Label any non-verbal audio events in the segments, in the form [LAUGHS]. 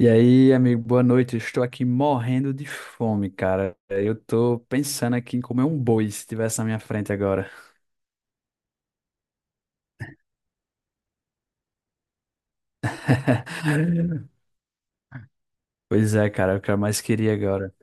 E aí, amigo, boa noite. Eu Estou aqui morrendo de fome, cara. Eu tô pensando aqui em comer um boi se tivesse na minha frente agora. [LAUGHS] Pois é, cara, é o que eu mais queria agora.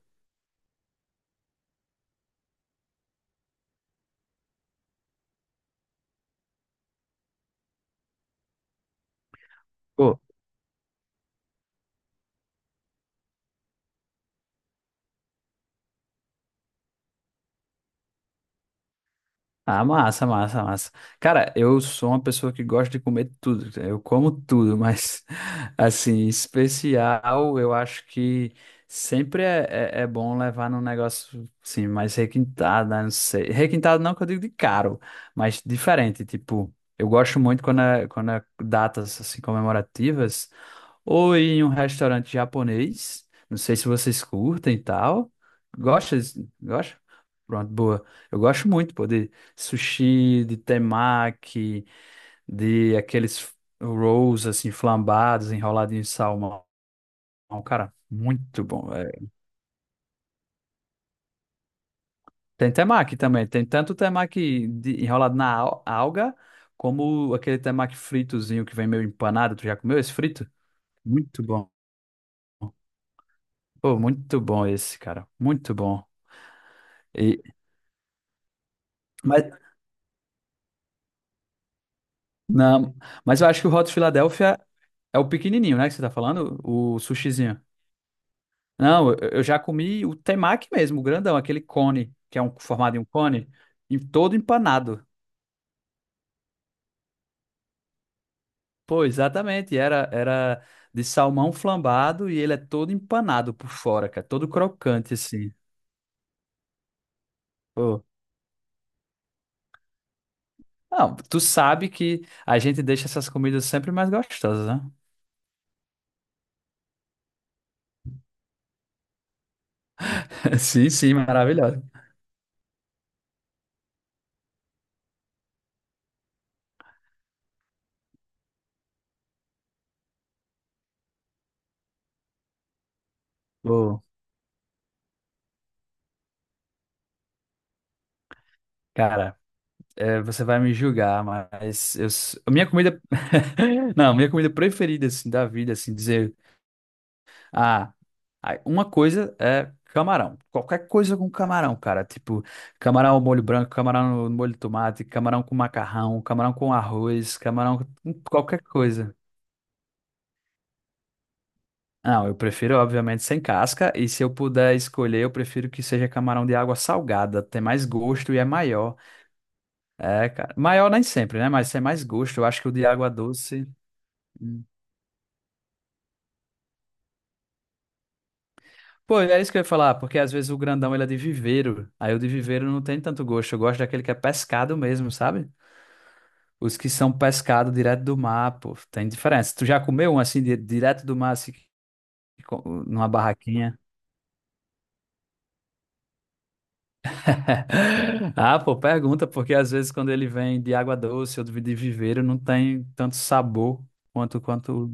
Ah, massa, massa, massa. Cara, eu sou uma pessoa que gosta de comer tudo. Eu como tudo, mas, [LAUGHS] assim, especial, eu acho que sempre é, é bom levar num negócio, assim, mais requintado, né? Não sei. Requintado não que eu digo de caro, mas diferente. Tipo, eu gosto muito quando quando é datas, assim, comemorativas ou em um restaurante japonês. Não sei se vocês curtem e tal. Gosta? Gosta? Pronto, boa. Eu gosto muito, pô, de sushi, de temaki, de aqueles rolls assim flambados, enroladinhos em salmão. Cara, muito bom, velho. Tem temaki também. Tem tanto temaki enrolado na alga, como aquele temaki fritozinho que vem meio empanado. Tu já comeu esse frito? Muito bom. Pô, muito bom esse, cara. Muito bom. E, mas Não, mas eu acho que o Hot Philadelphia é o pequenininho, né, que você tá falando? O sushizinho. Não, eu já comi o temaki mesmo, o grandão, aquele cone, que é um, formado em um cone, em, todo empanado. Pô, exatamente, era de salmão flambado e ele é todo empanado por fora, cara, todo crocante, assim. Pô. Não, tu sabe que a gente deixa essas comidas sempre mais gostosas, né? [LAUGHS] Sim, sim, maravilhosa. Pô, cara. É, você vai me julgar, mas a minha comida. [LAUGHS] Não, a minha comida preferida, assim, da vida, assim, dizer. Ah, ai, uma coisa é camarão. Qualquer coisa com camarão, cara. Tipo, camarão ao molho branco, camarão no molho de tomate, camarão com macarrão, camarão com arroz, camarão com qualquer coisa. Não, eu prefiro, obviamente, sem casca. E se eu puder escolher, eu prefiro que seja camarão de água salgada. Tem mais gosto e é maior. É, cara. Maior nem sempre, né? Mas tem mais gosto. Eu acho que o de água doce. Hum. Pô, é isso que eu ia falar, porque às vezes o grandão ele é de viveiro. Aí o de viveiro não tem tanto gosto. Eu gosto daquele que é pescado mesmo, sabe? Os que são pescado direto do mar, pô, tem diferença. Tu já comeu um assim, direto do mar, assim, numa barraquinha? [LAUGHS] Ah, pô, pergunta, porque às vezes quando ele vem de água doce ou de viveiro, não tem tanto sabor quanto.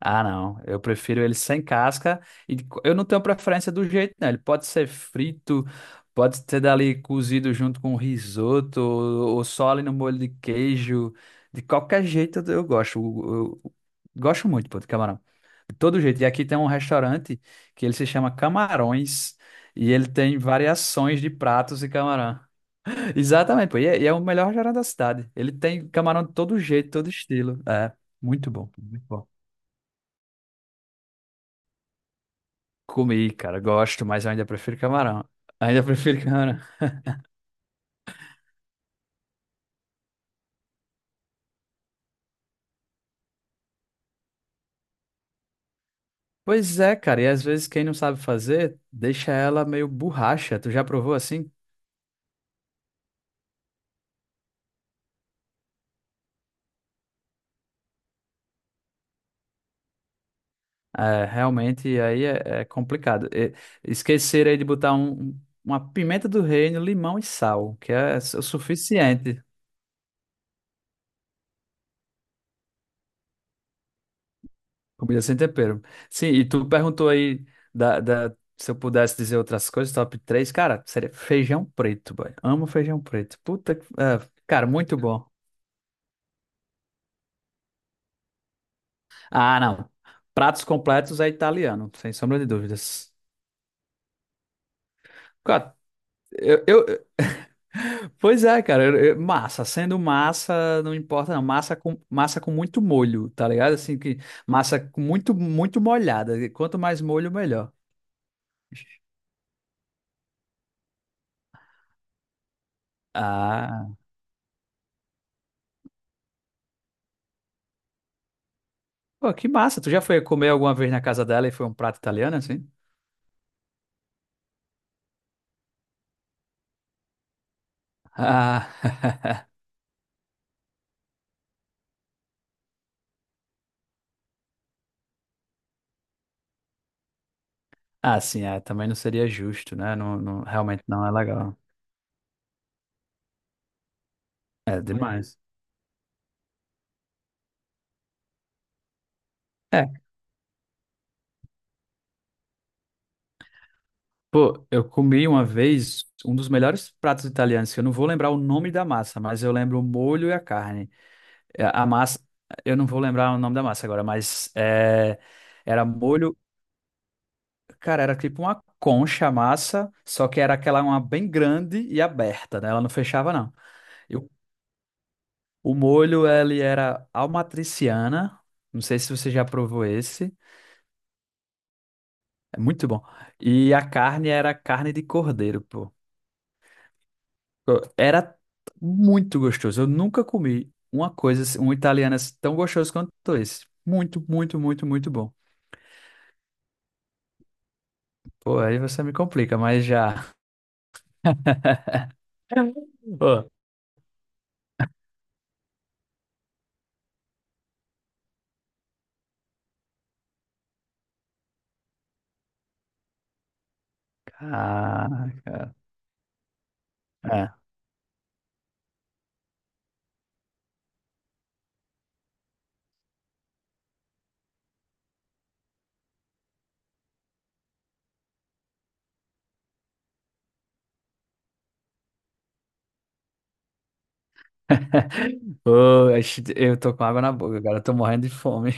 Ah, não. Eu prefiro ele sem casca. E eu não tenho preferência do jeito, não. Ele pode ser frito, pode ser dali cozido junto com risoto, ou só ali no molho de queijo. De qualquer jeito eu gosto. Eu gosto muito, pô, de camarão. De todo jeito. E aqui tem um restaurante que ele se chama Camarões. E ele tem variações de pratos de camarão. [LAUGHS] Exatamente, pô. E é o melhor restaurante da cidade. Ele tem camarão de todo jeito, todo estilo. É, muito bom, muito bom. Comi, cara, gosto, mas eu ainda prefiro camarão. Ainda [LAUGHS] prefiro camarão. Pois é, cara, e às vezes quem não sabe fazer, deixa ela meio borracha. Tu já provou assim? É, realmente, aí é complicado. E, esquecer aí de botar uma pimenta do reino, limão e sal, que é o suficiente. Comida sem tempero. Sim, e tu perguntou aí se eu pudesse dizer outras coisas, top três. Cara, seria feijão preto, boy. Amo feijão preto. Puta, é, cara, muito bom. Ah, não. Pratos completos é italiano, sem sombra de dúvidas. Cara, Eu, eu- [LAUGHS] pois é, cara. Massa, sendo massa, não importa, não. Massa com muito molho, tá ligado? Assim, que massa com muito, muito molhada. Quanto mais molho, melhor. Ah, pô, que massa. Tu já foi comer alguma vez na casa dela e foi um prato italiano, assim? Ah, [LAUGHS] ah, sim, é, também não seria justo, né? Realmente não é legal. É demais. É. Pô, eu comi uma vez um dos melhores pratos italianos, que eu não vou lembrar o nome da massa, mas eu lembro o molho e a carne. É, a massa, eu não vou lembrar o nome da massa agora, mas é, era molho, cara, era tipo uma concha a massa, só que era aquela uma bem grande e aberta, né? Ela não fechava, não. E o, o molho, ele era almatriciana, não sei se você já provou esse, é muito bom. E a carne era carne de cordeiro, pô. Era muito gostoso. Eu nunca comi uma coisa, um italiano assim tão gostoso quanto esse. Muito, muito, muito, muito bom. Pô, aí você me complica, mas já. [LAUGHS] Pô, caraca. É. Pô, ixi, eu tô com água na boca, cara. Eu tô morrendo de fome.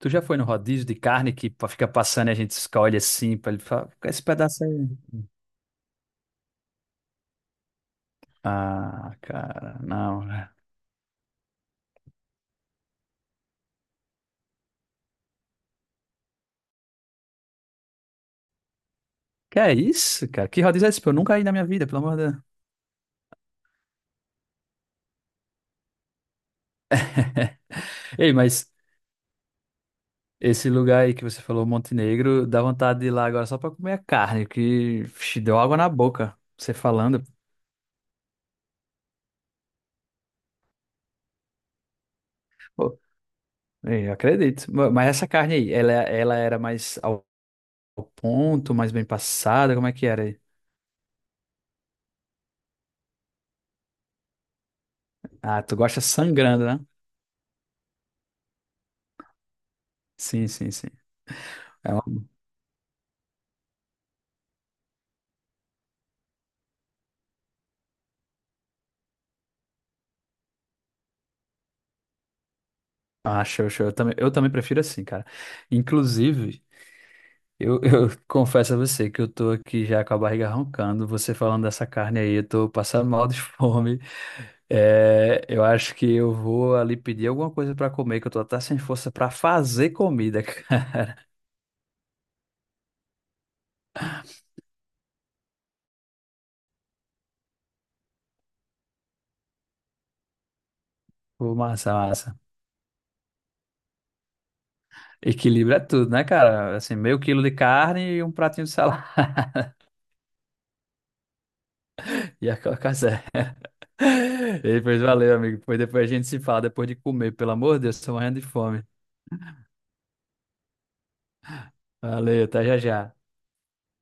Tu já foi no rodízio de carne que fica passando e a gente escolhe assim pra ele falar, esse pedaço aí. Ah, cara, não. Que é isso, cara? Que rodízio é esse? Pô, eu nunca ia na minha vida, pelo amor de Deus. Ei, mas. Esse lugar aí que você falou, Montenegro, dá vontade de ir lá agora só pra comer a carne, que vixe, deu água na boca, você falando. Pô, é, eu acredito. Mas essa carne aí, ela era mais ao ponto, mais bem passada, como é que era aí? Ah, tu gosta sangrando, né? Sim, sim, sim. É uma... Ah, show, show. Eu também prefiro assim, cara. Inclusive, eu [LAUGHS] confesso a você que eu tô aqui já com a barriga roncando. Você falando dessa carne aí, eu tô passando mal de [LAUGHS] fome. É, eu acho que eu vou ali pedir alguma coisa pra comer, que eu tô até sem força pra fazer comida, [LAUGHS] cara. Pô, massa, massa. Equilíbrio é tudo, né, cara? Assim, meio quilo de carne e um pratinho de salada. [LAUGHS] E a Coca Zero. [LAUGHS] E depois valeu, amigo. Depois, depois a gente se fala depois de comer. Pelo amor de Deus, tô morrendo de fome. Valeu, até já já.